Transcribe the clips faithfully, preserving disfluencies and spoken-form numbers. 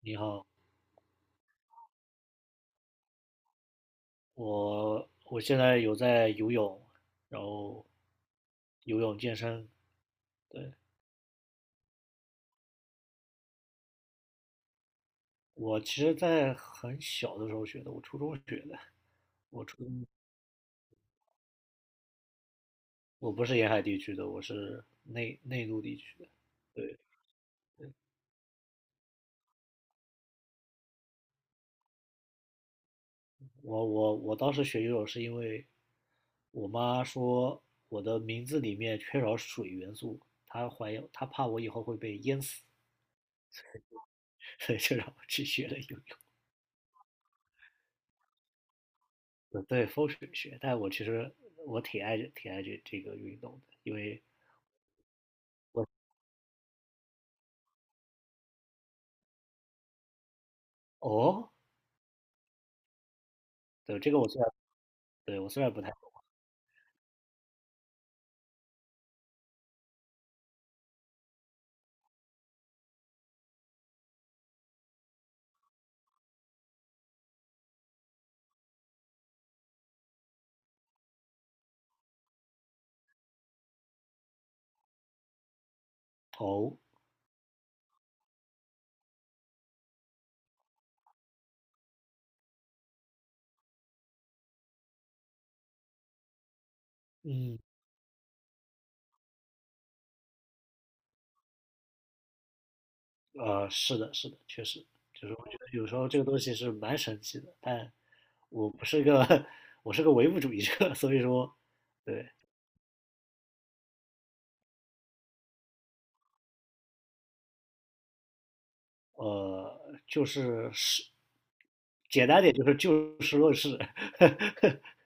你好，我我现在有在游泳，然后游泳健身。对，我其实，在很小的时候学的，我初中学的。我初我不是沿海地区的，我是内内陆地区的。对，我我我当时学游泳是因为我妈说我的名字里面缺少水元素，她怀疑她怕我以后会被淹死，所以就让我去学了游泳。对，对，风水学，但我其实我挺爱挺爱这这个运动的，因为我。哦，对，这个我虽然，对，我虽然不太。哦，嗯，呃，是的，是的，确实，就是我觉得有时候这个东西是蛮神奇的，但我不是个 我是个唯物主义者，所以说，对，呃，就是是简单点就是就事论事，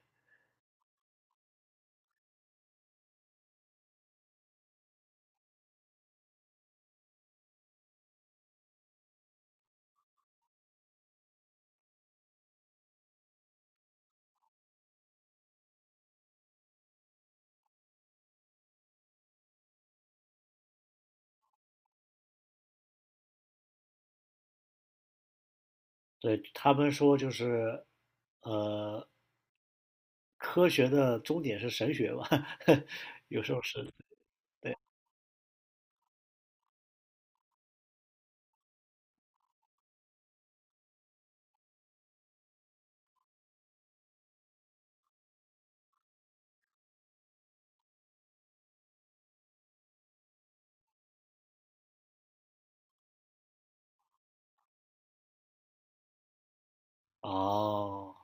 对他们说就是，呃，科学的终点是神学吧？有时候是，对。哦，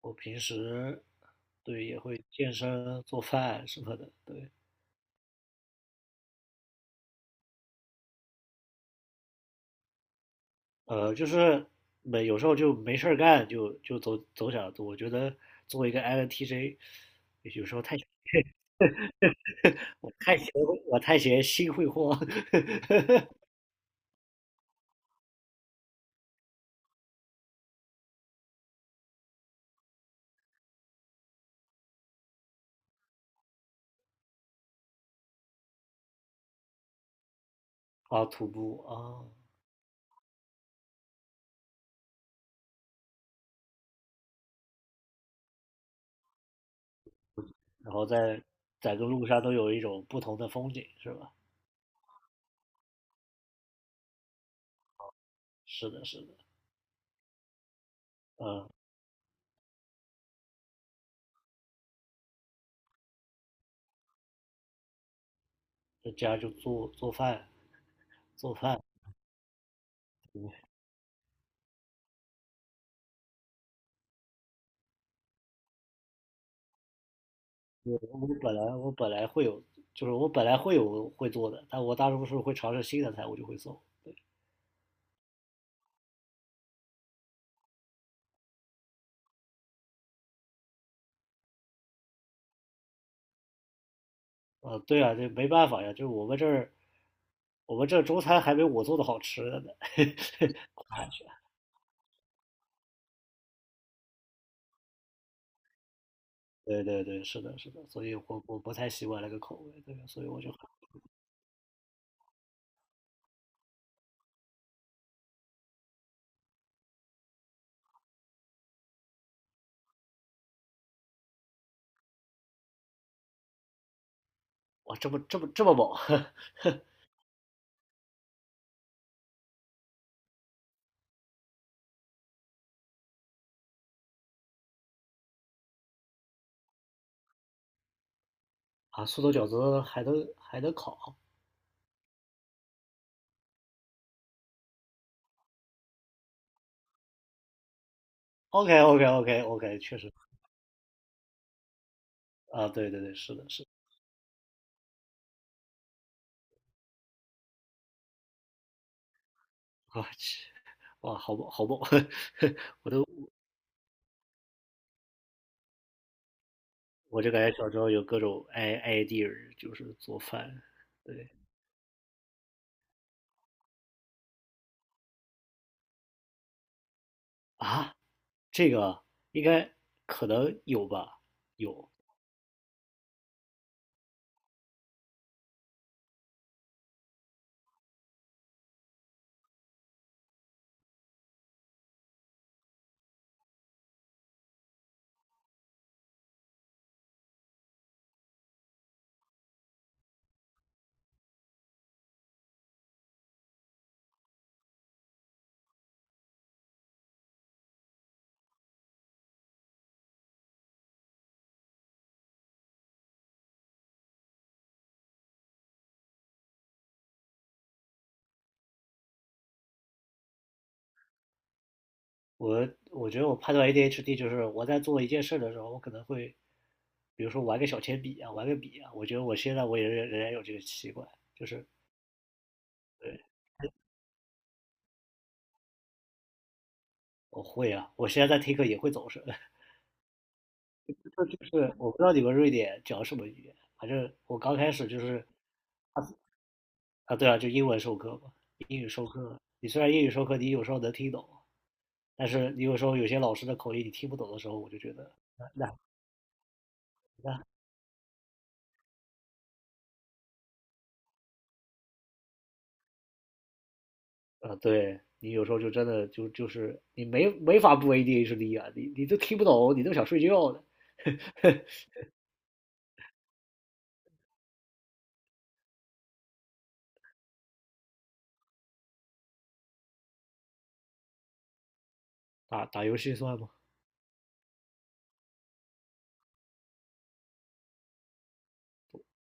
我平时，对，也会健身、做饭什么的，对，呃，就是没有时候就没事儿干，就就走走点儿我觉得作为一个 I N T J，有时候太 我太闲，我太闲心会慌 啊，徒步啊，然后在在个路上都有一种不同的风景，是吧？是的，是的，嗯，在家就做做饭。做饭，嗯，我我本来我本来会有，就是我本来会有会做的，但我大多数会尝试新的菜，我就会做。对，啊，对啊，这没办法呀，就是我们这儿，我们这儿中餐还没我做的好吃的呢。对对对，是的，是的，所以我我不太习惯那个口味，对啊，所以我就。哇，这么这么这么猛 啊！素冻饺子还能还能烤？OK OK OK OK，确实。啊，对对对，是的，是的，我去，哇，好猛好猛！我就感觉小时候有各种 i idea，就是做饭。对啊，这个应该可能有吧，有。我我觉得我判断 A D H D 就是我在做一件事的时候，我可能会，比如说玩个小铅笔啊，玩个笔啊。我觉得我现在我也仍然有这个习惯，就是。对，我会啊，我现在在听课也会走神。就是我不知道你们瑞典讲什么语言，反正我刚开始就是。啊，对啊，就英文授课嘛，英语授课，你虽然英语授课你有时候能听懂，但是你有时候有些老师的口音你听不懂的时候，我就觉得。那那那啊，对，你有时候就真的就就是你没没法不 A D H D 啊，你你都听不懂，你都想睡觉的。打打游戏算吗？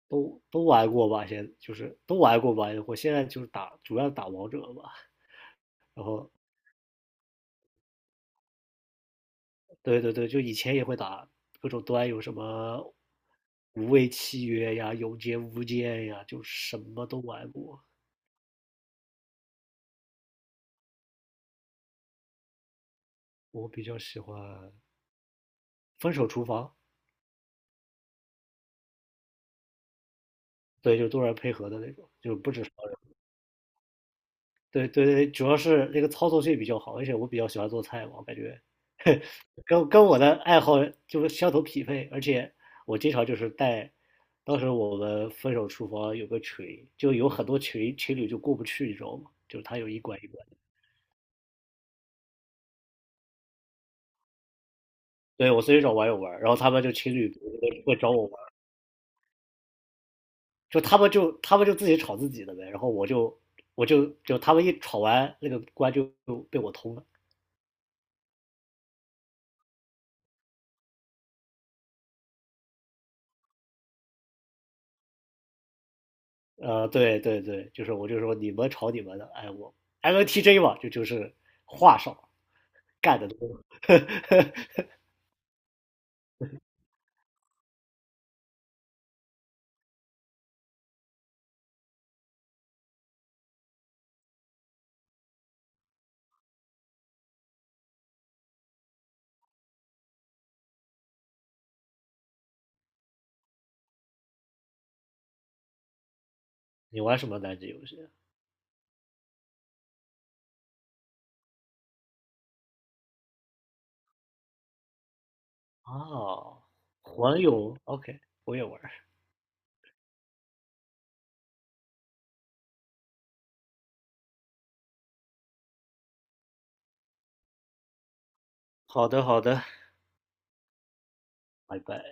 都都玩过吧，现就是都玩过吧。我现在就是打，主要打王者吧。然后对对对，就以前也会打各种端，游，什么无畏契约呀、永劫无间呀，就什么都玩过。我比较喜欢分手厨房，对，就多人配合的那种，就不止双人。对对对，主要是那个操作性比较好，而且我比较喜欢做菜嘛，我感觉 跟跟我的爱好就是相同匹配，而且我经常就是带。当时我们分手厨房有个群，就有很多群情侣就过不去，你知道吗？就是他有一关一关。对，我随找网友玩，然后他们就情侣会找我玩，就他们就他们就自己吵自己的呗，然后我就我就就他们一吵完，那个关就被我通了。呃，对对对，就是我就说你们吵你们的，哎我 m N t j 嘛，就就是话少干的多。你玩什么单机游戏啊？哦，魂游，OK，我也玩。好的好的，拜拜。